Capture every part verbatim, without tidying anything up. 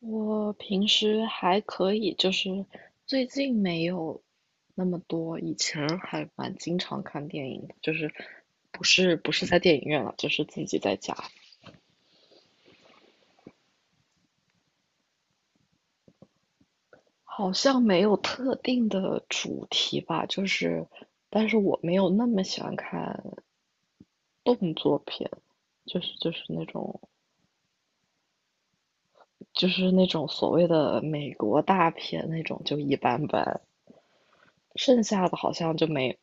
我平时还可以，就是最近没有那么多，以前儿还蛮经常看电影的，就是不是不是在电影院了，就是自己在家。好像没有特定的主题吧，就是但是我没有那么喜欢看动作片，就是就是那种就是那种所谓的美国大片那种就一般般，剩下的好像就没，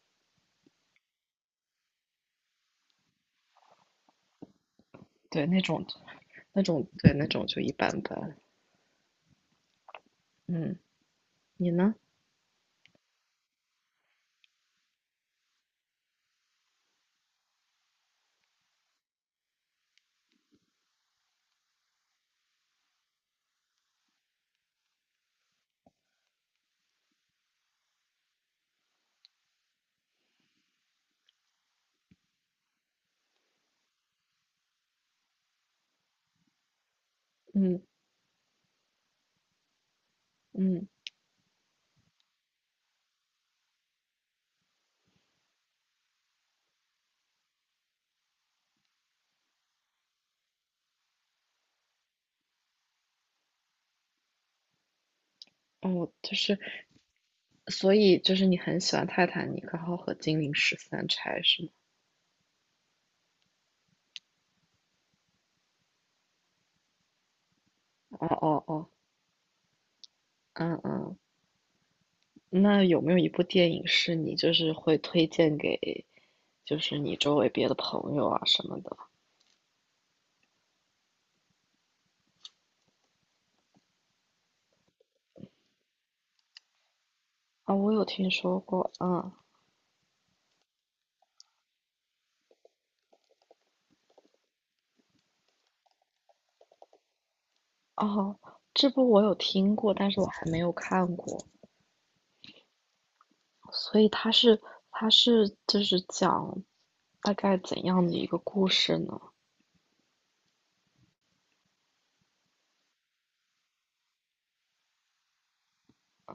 对，那种那种对那种就一般般。嗯，你呢？嗯嗯。哦，就是，所以就是你很喜欢《泰坦尼克号》和《金陵十三钗》是吗？哦哦哦，嗯嗯。那有没有一部电影是你就是会推荐给，就是你周围别的朋友啊什么的？啊、我有听说过，嗯。哦，这部我有听过，但是我还没有看过，所以它是它是就是讲大概怎样的一个故事呢？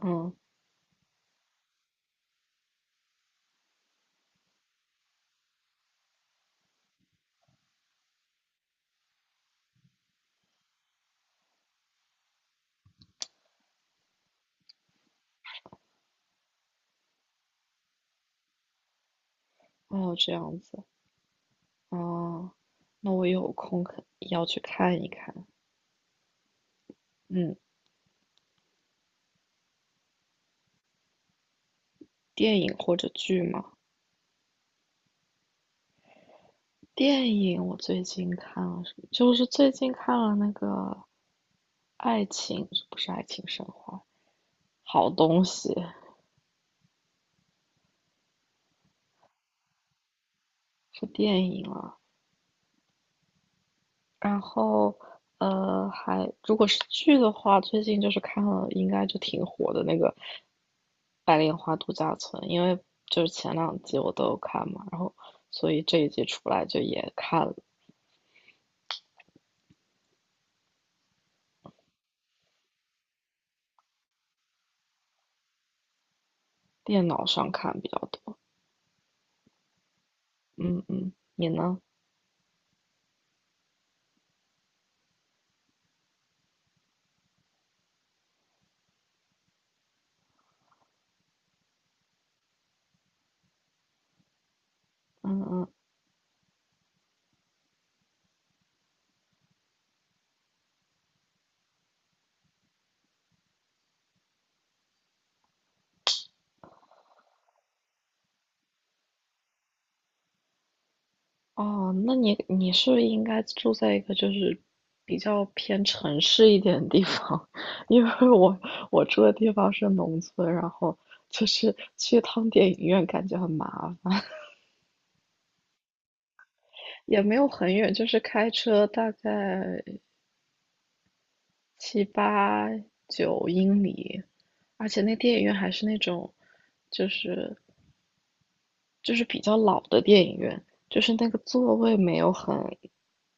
嗯。哦，这样子。哦，那我有空可要去看一看。嗯。电影或者剧吗？电影我最近看了什么？就是最近看了那个《爱情》，不是《爱情神话》，好东西。是电影啊。然后，呃，还如果是剧的话，最近就是看了，应该就挺火的那个《白莲花度假村》，因为就是前两集我都有看嘛，然后所以这一季出来就也看了。电脑上看比较多。嗯嗯，你呢？嗯嗯。哦，那你你是应该住在一个就是比较偏城市一点的地方，因为我我住的地方是农村，然后就是去趟电影院感觉很麻烦。也没有很远，就是开车大概七八九英里，而且那电影院还是那种就是就是比较老的电影院，就是那个座位没有很，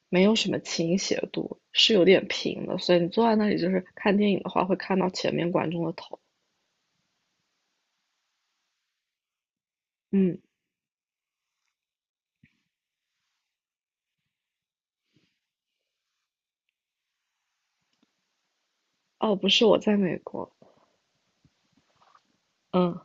没有什么倾斜度，是有点平的，所以你坐在那里就是看电影的话，会看到前面观众的头。嗯。哦，不是，我在美国。嗯。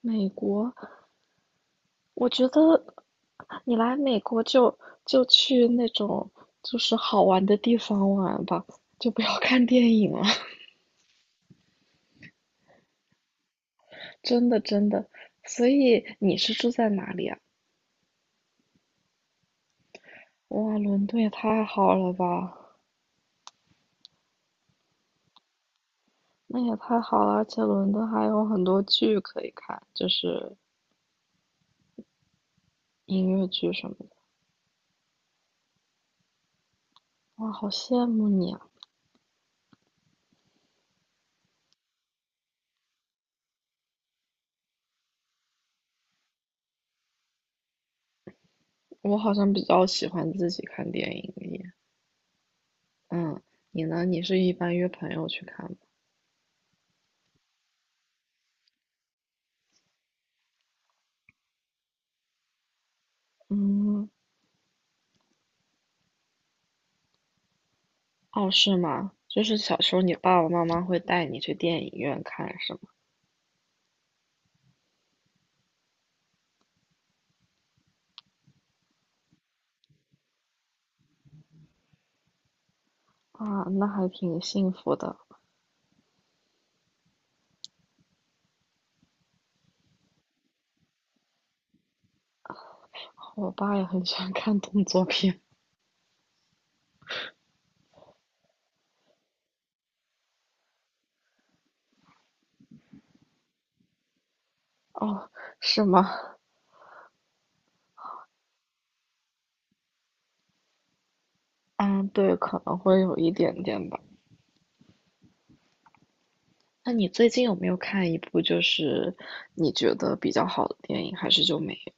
美国，我觉得你来美国就就去那种就是好玩的地方玩吧，就不要看电影了，真的真的。所以你是住在哪里啊？哇，伦敦也太好了吧！那也太好了，而且伦敦还有很多剧可以看，就是音乐剧什么的。哇，好羡慕你啊！我好像比较喜欢自己看电影耶。嗯，你呢？你是一般约朋友去看吗？嗯。哦，是吗？就是小时候你爸爸妈妈会带你去电影院看，是吗？啊，那还挺幸福的。我爸也很喜欢看动作片。哦，是吗？嗯，对，可能会有一点点吧。那你最近有没有看一部就是你觉得比较好的电影，还是就没有？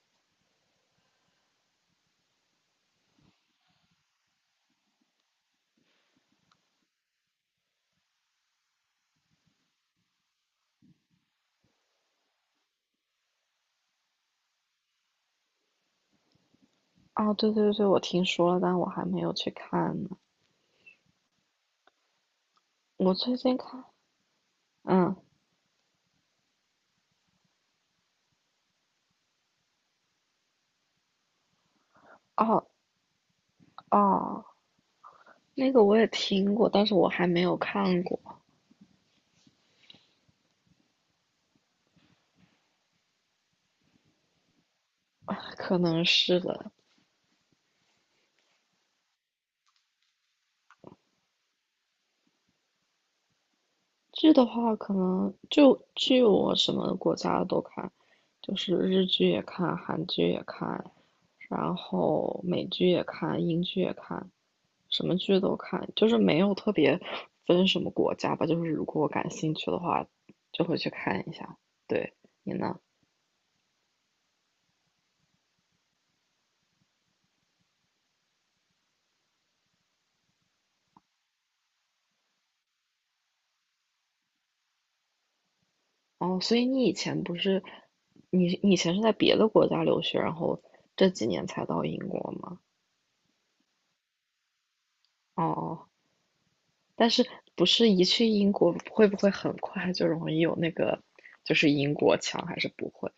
啊，对对对，我听说了，但我还没有去看呢。我最近看，嗯。哦哦，那个我也听过，但是我还没有看过。可能是的。剧的话，可能就剧我什么国家的都看，就是日剧也看，韩剧也看，然后美剧也看，英剧也看，什么剧都看，就是没有特别分什么国家吧，就是如果我感兴趣的话，就会去看一下。对，你呢？哦，所以你以前不是，你你以前是在别的国家留学，然后这几年才到英国吗？哦哦。但是不是一去英国会不会很快就容易有那个，就是英国腔，还是不会？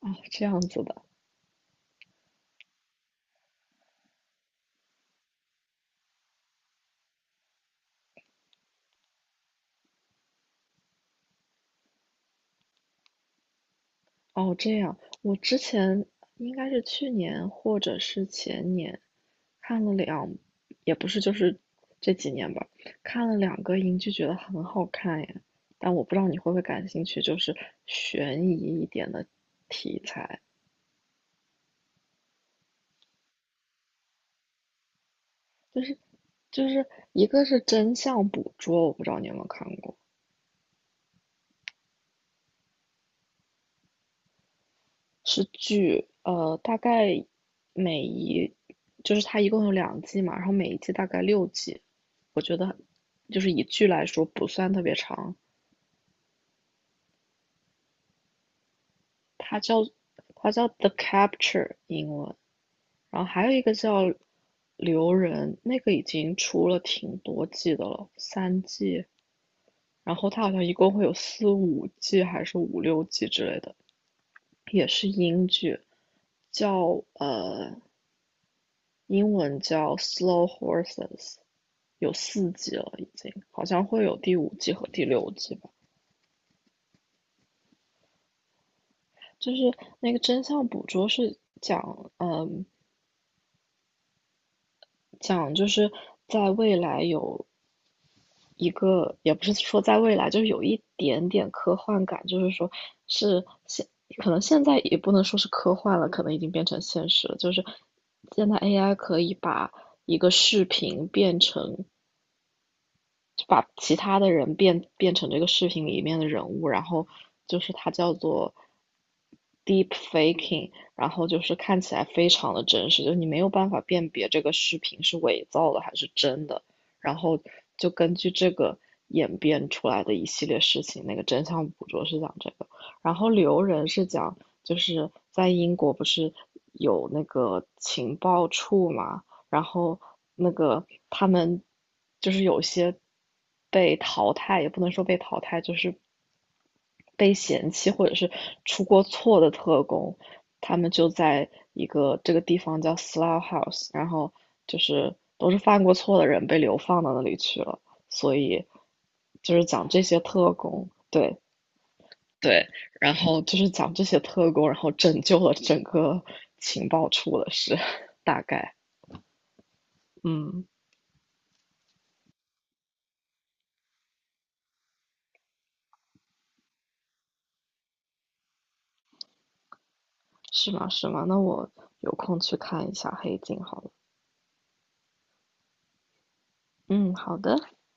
哦，这样子的。哦，这样，我之前应该是去年或者是前年看了两，也不是就是这几年吧，看了两个英剧，觉得很好看耶。但我不知道你会不会感兴趣，就是悬疑一点的题材。就是就是一个是真相捕捉，我不知道你有没有看过。是剧，呃，大概每一就是它一共有两季嘛，然后每一季大概六集，就是以剧来说不算特别长。它叫它叫 The Capture 英文，然后还有一个叫留人，那个已经出了挺多季的了，三季，然后它好像一共会有四五季还是五六季之类的，也是英剧，叫呃英文叫 Slow Horses，有四季了已经，好像会有第五季和第六季吧。就是那个真相捕捉是讲，嗯、讲，就是在未来有一个，也不是说在未来，就是有一点点科幻感，就是说是现，可能现在也不能说是科幻了，可能已经变成现实了。就是现在 A I 可以把一个视频变成就把其他的人变变成这个视频里面的人物，然后就是它叫做 deep faking，然后就是看起来非常的真实，就是你没有办法辨别这个视频是伪造的还是真的，然后就根据这个演变出来的一系列事情，那个真相捕捉是讲这个，然后留人是讲就是在英国不是有那个情报处嘛，然后那个他们就是有些被淘汰，也不能说被淘汰，就是被嫌弃或者是出过错的特工，他们就在一个这个地方叫 Slough House，然后就是都是犯过错的人被流放到那里去了，所以就是讲这些特工，对对，然后就是讲这些特工，然后拯救了整个情报处的事，大概。嗯。是吗？是吗？那我有空去看一下《黑镜》好了。嗯，好的。